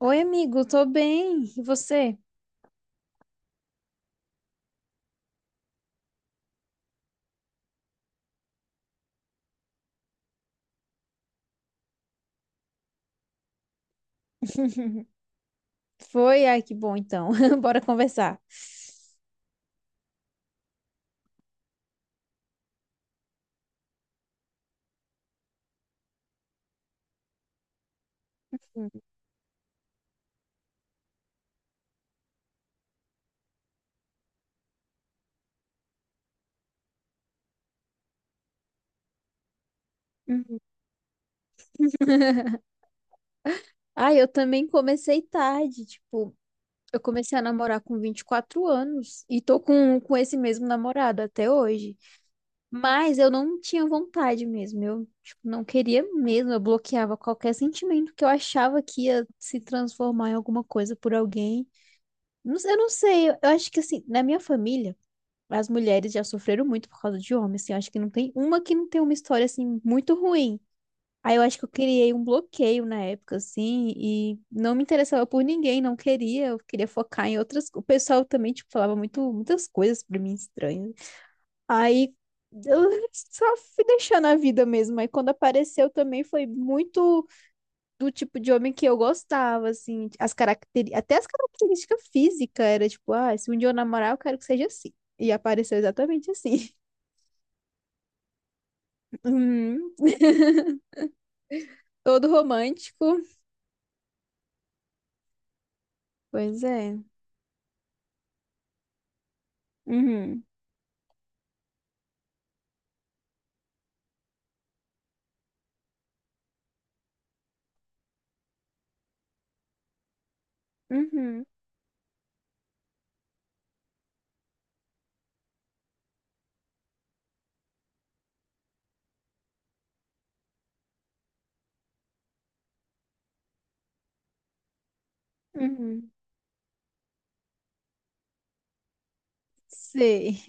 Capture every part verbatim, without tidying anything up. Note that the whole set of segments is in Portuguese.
Oi, amigo, tô bem. E você? Foi? Ai, que bom então. Bora conversar. Uhum. Ai, eu também comecei tarde, tipo, eu comecei a namorar com vinte e quatro anos e tô com, com esse mesmo namorado até hoje. Mas eu não tinha vontade mesmo, eu, tipo, não queria mesmo, eu bloqueava qualquer sentimento que eu achava que ia se transformar em alguma coisa por alguém. Não sei- Eu não sei, eu eu acho que assim, na minha família, as mulheres já sofreram muito por causa de homens, assim, eu acho que não tem uma que não tem uma história, assim, muito ruim. Aí eu acho que eu criei um bloqueio na época, assim, e não me interessava por ninguém, não queria, eu queria focar em outras... co- O pessoal também, tipo, falava muito, muitas coisas pra mim estranhas. Aí eu só fui deixando a vida mesmo, aí quando apareceu também foi muito do tipo de homem que eu gostava, assim, as caracteri... até as características físicas era tipo, ah, se um dia eu namorar, eu quero que seja assim. E apareceu exatamente assim. Uhum. Todo romântico. Pois é. Uhum. Uhum. Uhum. Sei.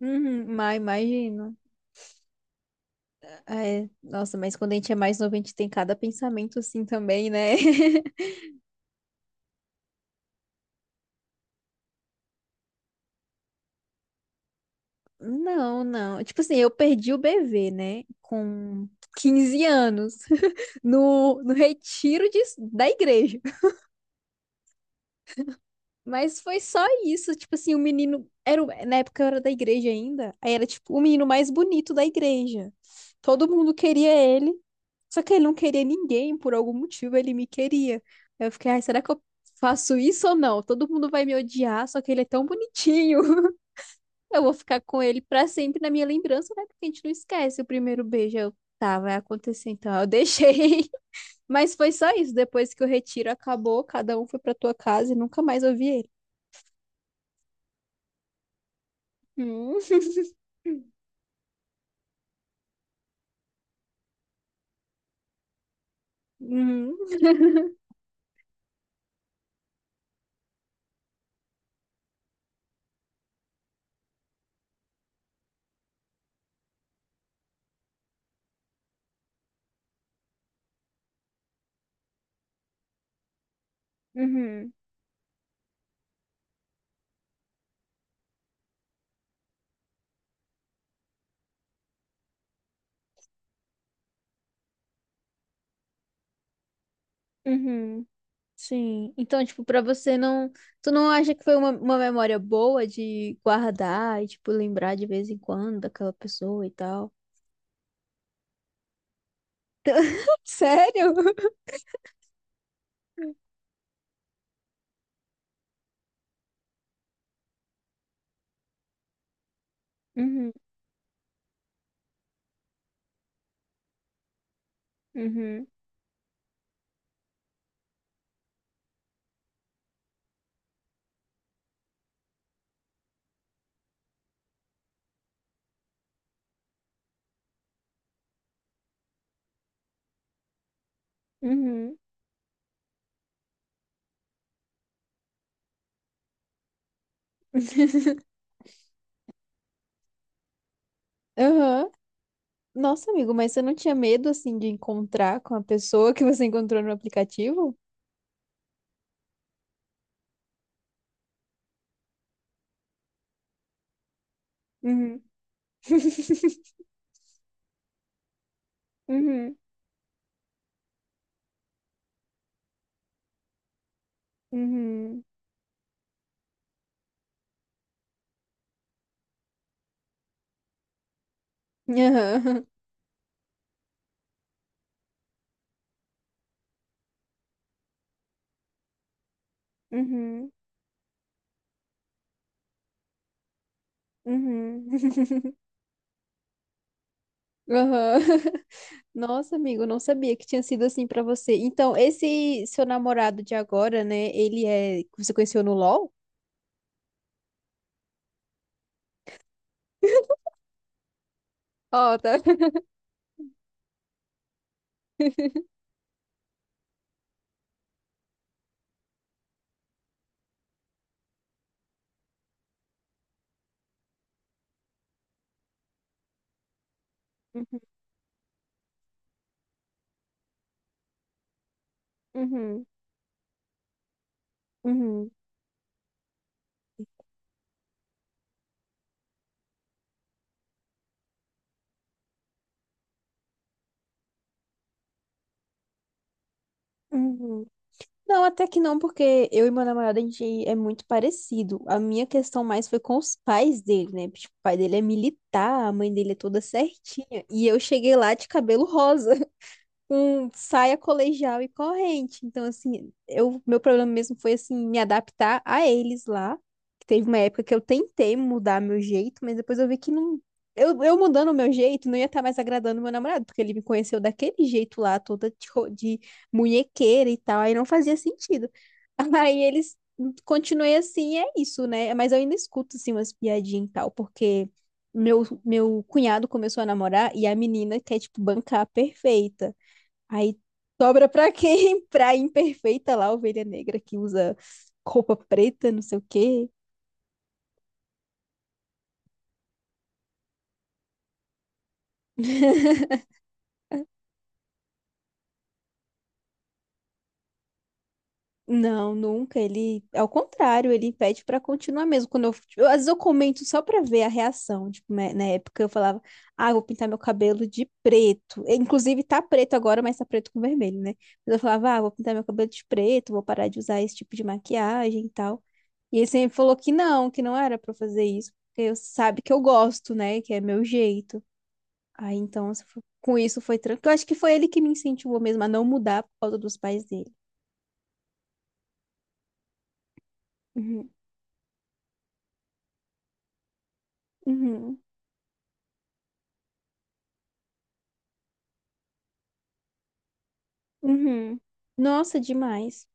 Uhum. Mas imagino. Ah, é, nossa, mas quando a gente é mais novo, a gente tem cada pensamento assim também, né? Não, não. Tipo assim, eu perdi o bebê, né? Com quinze anos. No, no retiro de, da igreja. Mas foi só isso. Tipo assim, o menino. Era, na época eu era da igreja ainda. Aí era tipo o menino mais bonito da igreja. Todo mundo queria ele. Só que ele não queria ninguém, por algum motivo ele me queria. Aí eu fiquei, ai, será que eu faço isso ou não? Todo mundo vai me odiar, só que ele é tão bonitinho. Eu vou ficar com ele pra sempre na minha lembrança, né? Porque a gente não esquece o primeiro beijo. Eu, tá, vai acontecer então. Eu deixei. Mas foi só isso. Depois que o retiro acabou, cada um foi pra tua casa e nunca mais ouvi ele. Hum, Uhum, uhum, uhum. Sim. Então, tipo, pra você não. Tu não acha que foi uma, uma memória boa de guardar e, tipo, lembrar de vez em quando daquela pessoa e tal? Sério? Uhum, uhum, uhum. Aham. Nossa, amigo, mas você não tinha medo, assim, de encontrar com a pessoa que você encontrou no aplicativo? Uhum, uhum, uhum. Aham. Uhum. Uhum. Aham. Nossa, amigo, não sabia que tinha sido assim pra você. Então, esse seu namorado de agora, né? Ele é que você conheceu no LoL? Ó, tá. Uhum, uhum, uhum. Uhum. Não, até que não, porque eu e meu namorado, a gente é muito parecido. A minha questão mais foi com os pais dele, né? Tipo, o pai dele é militar, a mãe dele é toda certinha. E eu cheguei lá de cabelo rosa, com saia colegial e corrente. Então, assim, eu, meu problema mesmo foi, assim, me adaptar a eles lá. Teve uma época que eu tentei mudar meu jeito, mas depois eu vi que não. Eu, eu mudando o meu jeito, não ia estar mais agradando meu namorado, porque ele me conheceu daquele jeito lá, toda de, ro- de munhequeira e tal, aí não fazia sentido. Aí eles Continuei assim, é isso, né? Mas eu ainda escuto, assim, umas piadinhas e tal, porque meu, meu cunhado começou a namorar e a menina quer, tipo, bancar perfeita. Aí sobra pra quem? Pra imperfeita lá, a ovelha negra que usa roupa preta, não sei o quê. Não, nunca. Ele, ao contrário, ele pede pra continuar mesmo. Quando eu, tipo, eu- às vezes eu comento só pra ver a reação. Tipo, né, na época eu falava, ah, eu vou pintar meu cabelo de preto. Eh, inclusive tá preto agora, mas tá preto com vermelho, né? Mas eu falava, ah, eu vou pintar meu cabelo de preto, vou parar de usar esse tipo de maquiagem e tal. E ele sempre falou que não, que não era pra eu fazer isso, porque eu- sabe que eu gosto, né? Que é meu jeito. Aí então, se for- com isso foi tranquilo. Eu acho que foi ele que me incentivou mesmo a não mudar por causa dos pais dele. Uhum. Uhum. Uhum. Nossa, demais.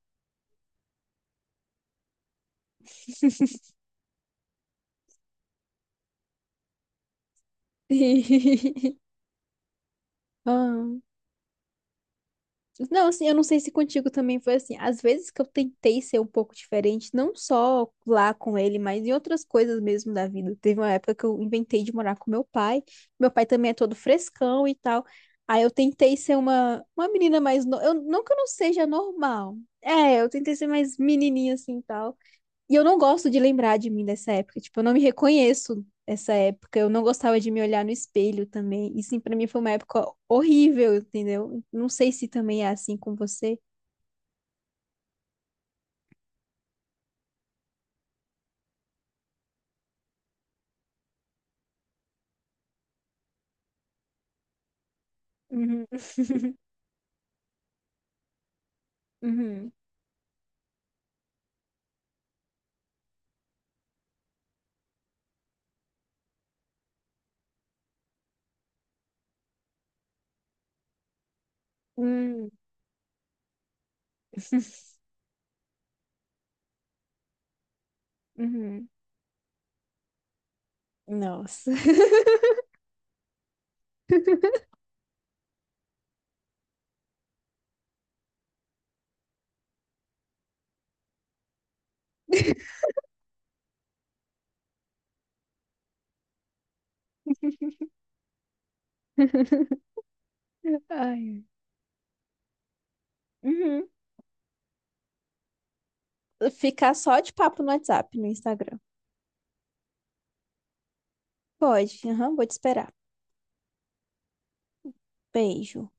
Ah. Não, assim, eu não sei se contigo também foi assim. Às vezes que eu tentei ser um pouco diferente, não só lá com ele, mas em outras coisas mesmo da vida. Teve uma época que eu inventei de morar com meu pai. Meu pai também é todo frescão e tal. Aí eu tentei ser uma, uma menina mais. No... Eu, não que eu não seja normal. É, eu tentei ser mais menininha assim e tal. E eu não gosto de lembrar de mim dessa época. Tipo, eu não me reconheço nessa época. Eu não gostava de me olhar no espelho também. E sim, pra mim foi uma época horrível, entendeu? Não sei se também é assim com você. Uhum, uhum, uhum, uhum. Nossa. Ai. Uhum. Ficar só de papo no WhatsApp, no Instagram. Pode, aham, vou te esperar. Beijo.